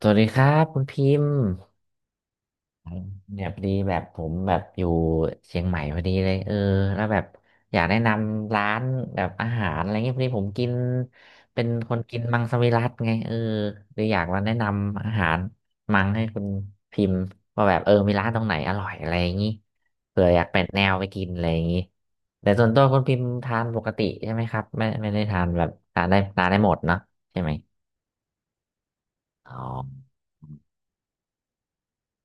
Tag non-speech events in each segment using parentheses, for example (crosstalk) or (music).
สวัสดีครับคุณพิมพ์เนี่ยพอดีแบบผมแบบอยู่เชียงใหม่พอดีเลยแล้วแบบอยากแนะนำร้านแบบอาหารอะไรเงี้ยพอดีผมกินเป็นคนกินมังสวิรัติไงเลยอยากมาแนะนำอาหารมังให้คุณพิมพ์ว่าแบบมีร้านตรงไหนอร่อยอะไรอย่างงี้เผื่ออยากเป็นแนวไปกินอะไรอย่างงี้แต่ส่วนตัวคุณพิมพ์ทานปกติใช่ไหมครับไม่ได้ทานแบบทานได้หมดเนาะใช่ไหมอ๋อ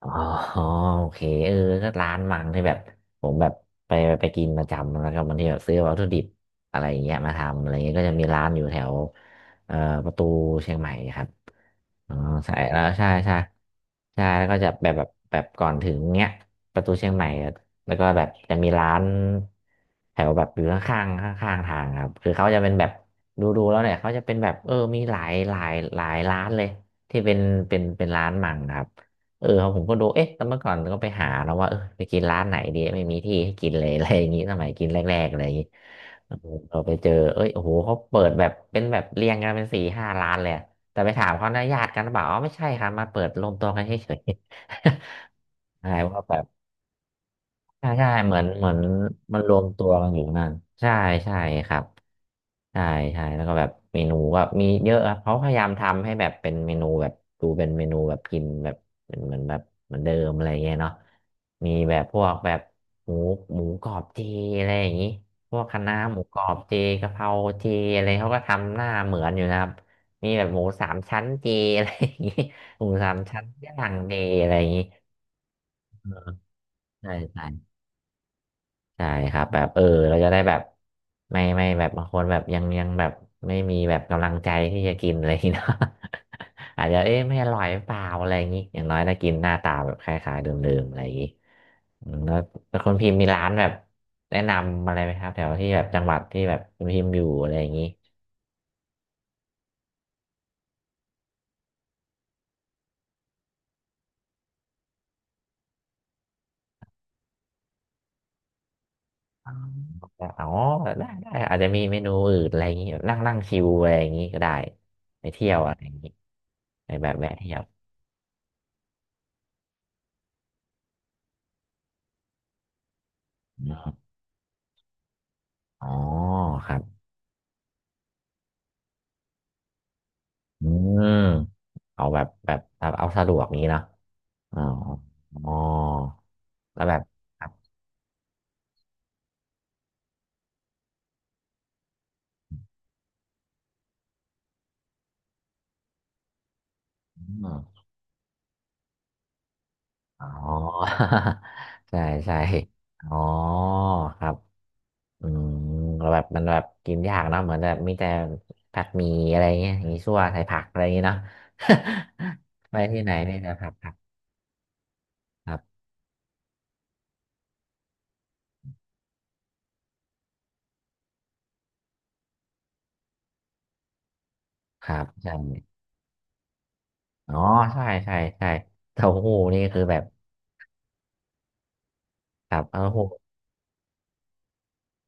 อ๋อโอเคเออก็ร้านมังที่แบบผมแบบไปไปกินประจำแล้วก็บางทีแบบซื้อวัตถุดิบอะไรอย่างเงี้ยมาทำอะไรเงี้ยก็จะมีร้านอยู่แถวเอ่อประตูเชียงใหม่ครับ อ๋อใส่แล้วใช่ใช่ใช่แล้วก็จะแบบก่อนถึงเนี้ยประตูเชียงใหม่อะแล้วก็แบบจะมีร้านแถวแบบอยู่ข้างทางครับคือเขาจะเป็นแบบดูแล้วเนี่ยเขาจะเป็นแบบมีหลายร้านเลยที่เป็นเป็นร้านมังครับเออผมก็ดูเอ๊ะแต่เมื่อก่อนก็ไปหาแล้วว่าไปกินร้านไหนดีไม่มีที่ให้กินเลย (laughs) อะไรอย่างงี้สมัยกินแรกๆอะไรอย่างงี้เออเราไปเจอเอ้ยโอ้โหเขาเปิดแบบเป็นแบบเรียงกันเป็นสี่ห้าร้านเลยอะ แต่ไปถามเขานะญาติกันหรือเปล่าอ๋อไม่ใช่ครับมาเปิดรวมตัวกันเฉยๆ (laughs) อะว่าแบบใช่ใช่เหมือนมันรวมตัวกันอยู่นั่นใช่ใช่ครับ ใช่ใช่แล้วก็แบบเมนูก็มีเยอะครับเขาพยายามทำให้แบบเป็นเมนูแบบดูเป็นเมนูแบบกินแบบเป็นเหมือนแบบเหมือนเดิมอะไรเงี้ยเนาะมีแบบพวกแบบหมูหมูกรอบเจอะไรอย่างงี้พวกคะน้าหมูกรอบเจกะเพราเจอะไรเขาก็ทำหน้าเหมือนอยู่นะครับมีแบบหมูสามชั้นเจอะไรอย่างงี้หมูสามชั้นย่างเจอะไรอย่างงี้ใช่ใช่ ใช่ครับแบบเราจะได้แบบไม่แบบบางคนแบบยังแบบไม่มีแบบกำลังใจที่จะกินอะไรอย่างงี้ (laughs) เนาะ (laughs) อาจจะเอ๊ะไม่อร่อยหรือเปล่าอะไรอย่างงี้อย่างน้อยถ้ากินหน้าตาแบบคล้ายๆเดิมๆอะไรอย่างงี้อืมแล้วคนพิมพ์มีร้านแบบแนะนำอะไรไหมครับแถวที่แบบจังหวัดที่แบบคุณพิมพ์อยู่อะไรอย่างงี้อ๋ออ๋อได้อาจจะมีเมนูอื่นอะไรอย่างงี้นั่งนั่งชิวอะไรอย่างงี้ก็ได้ไปเที่ยวอะไรอย่างงี้ไปแบบแวะเที่ยวอ๋อครับ อืมเอาแบบแบบเอาสะดวกนี้เนอะอ๋ออ๋อแล้วแบบครับอมอ๋อ (laughs) ใช่ใช่อ๋อครับอืมแล้วแบบมันแบบกินยากเนอะเหมือนแบบมีแต่ผัดหมี่อะไรเงี้ยมีซั่วใส่ผักอะไรอย่างเงี้ยเนาะ (laughs) ไปที่ไหนนี่แต่ผักครับครับใช่อ๋อใช่ใช่ใช่เต้าหู้นี่คือแบบครับเต้าหู้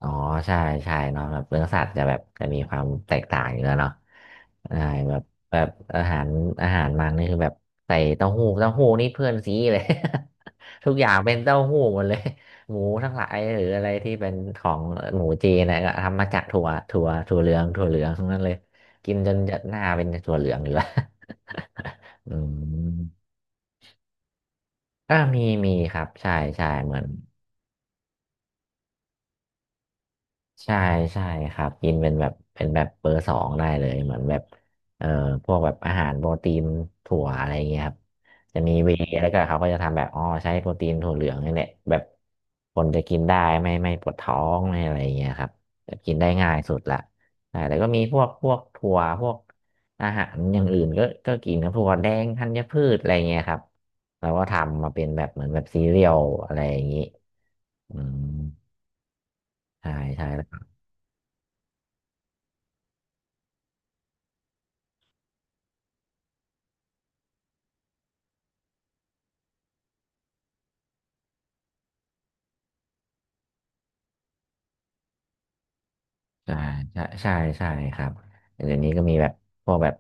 อ๋อใช่ใช่เนาะแบบเนื้อสัตว์จะแบบจะมีความแตกต่างอยู่แล้วเนาะใช่แบบแบบอาหารอาหารมันนี่คือแบบใส่เต้าหู้เต้าหู้นี่เพื่อนซีเลย (laughs) ทุกอย่างเป็นเต้าหู้หมดเลยหมูทั้งหลายหรืออะไรที่เป็นของหมูจีนนะก็ทำมาจากถั่วถั่วเหลืองถั่วเหลืองทั้งนั้นเลยกินจนหน้าเป็นถั่วเหลืองอยู่แล้ว (laughs) อืมอ่ามีครับใช่ใช่เหมือน ใช่ใช่ครับกินเป็นแบบเป็นแบบเบอร์สองได้เลยเหมือนแบบเอ่อพวกแบบอาหารโปรตีนถั่วอะไรอย่างเงี้ยครับจะมีเวย์แล้วก็เขาก็จะทำแบบอ๋อใช้โปรตีนถั่วเหลืองนี่แหละแบบคนจะกินได้ไม่ปวดท้องไม่อะไรอย่างเงี้ยครับแบบกินได้ง่ายสุดละใช่แล้วก็มีพวกถั่วพวกอาหารอย่างอื่นก็กินครับถั่วแดงธัญพืชอะไรเงี้ยครับเราก็ทำมาเป็นแบบเหมือนแบบซีเรียลอะไรอย่างงี้อืมใช่ใช่ ใช่ใช่ใช่ใช่ครับเดี๋ยวนี้ก็มีแบบพวกแบบ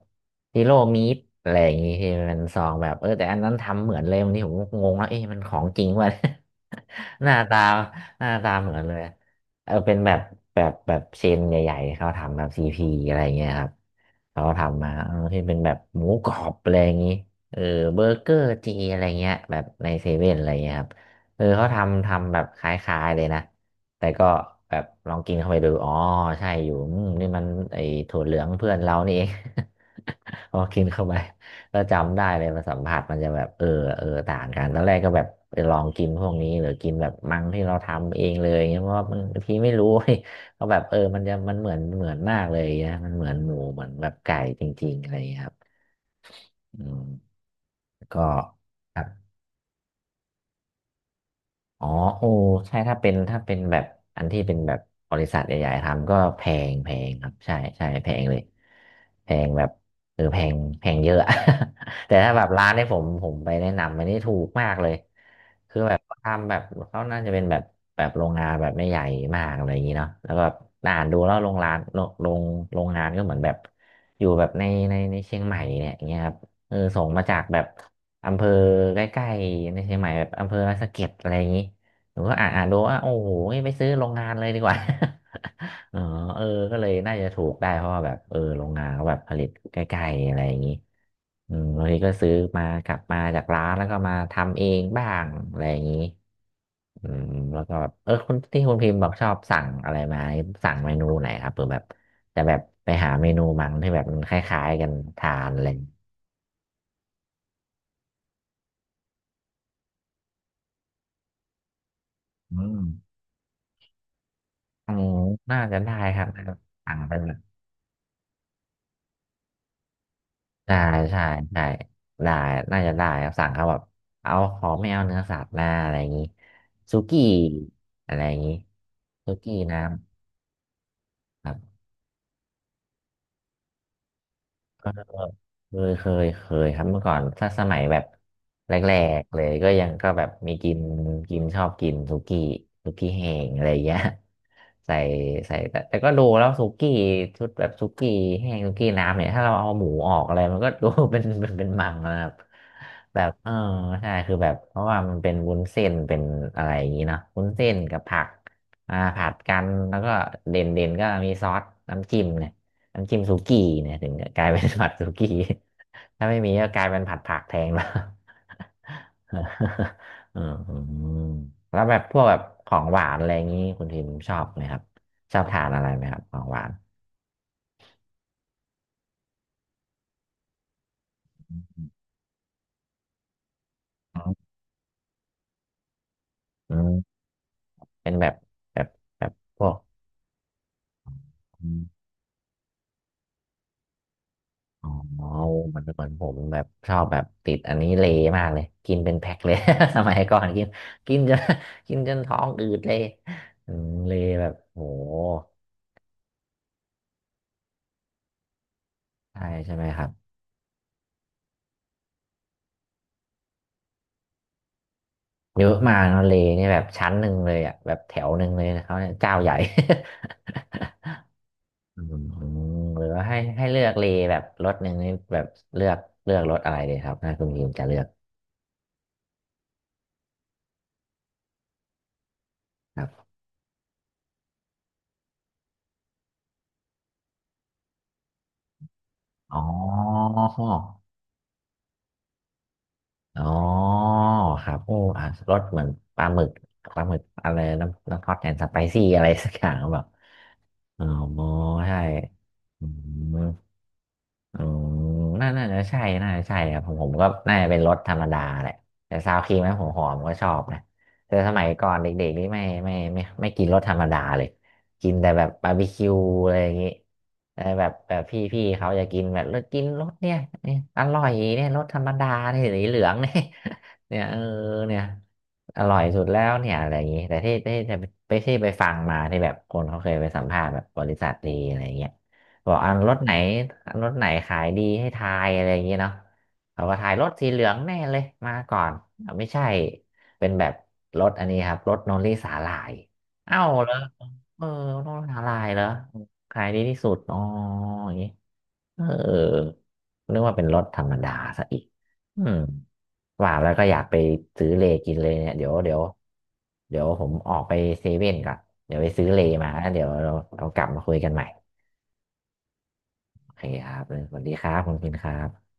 ฮีโร่มีดอะไรอย่างงี้ที่มันซองแบบแต่อันนั้นทำเหมือนเลยวันนี้ผมก็งงแล้วเอ๊ะมันของจริงวะ (laughs) หน้าตาหน้าตาเหมือนเลยเป็นแบบเชนใหญ่ๆเขาทำแบบซีพีอะไรอย่างเงี้ยครับเขาทำมาที่เป็นแบบหมูกรอบอะไรอย่างงี้เออเบอร์เกอร์จีอะไรเงี้ยแบบในเซเว่นอะไรเงี้ยครับเขาทำแบบคล้ายๆเลยนะ แต่ก็แบบลองกินเข้าไปดูอ๋อใช่อยู่อืมนี่มันไอ้ถั่วเหลืองเพื่อนเรานี่เอง (laughs) พอกินเข้าไปก็จำได้เลยมาสัมผัสมันจะแบบต่างกันตอนแรกก็แบบไปลองกินพวกนี้หรือกินแบบมังที่เราทำเองเลยเงี้ยเพราะว่ามันบางทีไม่รู้ (laughs) ก็แบบมันจะมันเหมือนมากเลยนะมันเหมือนหมูเหมือนแบบไก่จริงๆอะไรอย่างเงี้ยครับอืมก็ครับ อ๋อโอ้ใช่ถ้าเป็นแบบอันที่เป็นแบบบริษัทใหญ่ๆทำก็แพงครับใช่ใช่แพงเลยแพงแบบเออแพงแพงเยอะ (laughs) แต่ถ้าแบบร้านที่ผมไปแนะนำมันนี่ถูกมากเลยคือแบบทำแบบเขาน่าจะเป็นแบบแบบโรงงานแบบไม่ใหญ่มากอะไรอย่างนี้เนาะแล้วก็แบบอ่านดูแล้วโรงงานโรงงานก็เหมือนแบบอยู่แบบในเชียงใหม่เนี่ยอย่างเงี้ยครับส่งมาจากแบบ อำเภอใกล้ๆในเชียงใหม่แบบอำเภอสะเก็ดอะไรอย่างนี้หนูก็อ่านดูว่าโอ้โหไปซื้อโรงงานเลยดีกว่า (laughs) เออเออก็เลยน่าจะถูกได้เพราะว่าแบบโรงงานเขาแบบผลิตใกล้ๆอะไรอย่างนี้อืมบางทีก็ซื้อมากลับมาจากร้านแล้วก็มาทำเองบ้างอะไรอย่างนี้อืมแล้วก็แบบคุณที่คุณพิมพ์บอกชอบสั่งอะไรมาสั่งเมนูไหนครับเผื่อแบบแต่แบบไปหาเมนูมันที่แบบมันคล้ายๆกันทานอะไรอย่างงี้อืม อ๋อน่าจะได้ครับน่าจะสั่งไปแบบใช่ใช่ใช่ได้น่าจะได้ครับสั่งเขาแบบเอาขอไม่เอาเนื้อสัตว์หน้าอะไรอย่างนี้สุกี้อะไรอย่างนี้สุกี้น้ำครับ เคยครับเมื่อก่อนถ้าสมัยแบบแรกๆเลยก็ยังก็แบบมีกินกินชอบกินสุกี้สุกี้แห้งอะไรอย่างเงี้ยใส่แต่ก็ดูแล้วสุกี้ชุดแบบสุกี้แห้งสุกี้น้ำเนี่ยถ้าเราเอาหมูออกอะไรมันก็ดู (laughs) เป็นมังนะครับแบบใช่คือแบบเพราะว่ามันเป็นวุ้นเส้นเป็นอะไรอย่างงี้เนาะวุ้นเส้นกับผักอ่าผัดกันแล้วก็เด่นก็มีซอสน้ำจิ้มเนี่ย น้ำจิ้มสุกี้เนี่ยถึงจะกลายเป็นผัดสุกี้ (laughs) ถ้าไม่มีก็กลายเป็นผัดผักแทนแล้ว (laughs) อืมแล้วแบบพวกแบบของหวานอะไรอย่างนี้คุณทิมชอบไหมครับชอบทานอะไรไหมครับของหวานอืมเป็นแบบแบบแบบพวกอมอ๋อมันเนเหมือนผมแบบชอบแบบติดอันนี้เลมากเลยกินเป็นแพ็คเลย (laughs) สมัยก่อนกินกินจน (laughs) กินจนท้องอืดเลยอืมเลแบบโหใช่ใช่ไหมครับ เยอะมากนะเลเนี่ยแบบชั้นหนึ่งเลยอ่ะแบบแถวหนึ่งเลยนะเขาเนี่ยเจ้าใหญ่ (laughs) อืมหรือว่าให้เลือกเลแบบรถหนึ่งนี่แบบเลือกเลือกรถอะไรเลยครับถ้าคุณพิมพ์จะเลือกครับอ๋ออ๋อครับโอ้อ่ะรสเหมือนปลาหมึกปลาหมึกอะไรน้ำฮอตแอนด์สไปซี่อะไรสักอย่างหรือเปล่าอ๋อใช่อืม อ๋อน่าจะใช่น่าจะใช่ครับผมก็น่าจะเป็นรถธรรมดาแหละแต่ซาวครีมไผมหอมก็ชอบนะแต่สมัยก่อนเด็กๆนี่ไม่กินรสธรรมดาเลยกินแต่แบบบาร์บีคิวอะไรอย่างงี้แต่แบบแบบพี่เขาจะกินแบบเลิกกินรสเนี่ยเนี่ยอร่อยเนี่ยรสธรรมดาเนี่ยสีเหลืองเนี่ย (laughs) เนี่ยเนี่ยอร่อยสุดแล้วเนี่ยอะไรอย่างงี้แต่ที่จะไปฟังมาที่แบบคนเขาเคยไปสัมภาษณ์แบบบริษัทดีอะไรอย่างเงี้ย บอกอันรถไหนอันรถไหนขายดีให้ทายอะไรอย่างเงี้ยเนาะเขาก็ทายรถสีเหลืองแน่เลยมาก่อนอ่ะไม่ใช่เป็นแบบรถอันนี้ครับรถโนริสาหร่ายเอ้าเหรอเออรถสาหร่ายเหรอขายดีที่สุดอ๋ออย่างงี้เออนึกว่าเป็นรถธรรมดาซะอีกอืมว่าแล้วก็อยากไปซื้อเลกินเลยเนี่ยเดี๋ยวผมออกไปเซเว่นก่อนเดี๋ยวไปซื้อเลมาแล้วเดี๋ยวเรากลับมาคุยกันใหม่ โอเคครับสวัสดีครับคุณพินครับ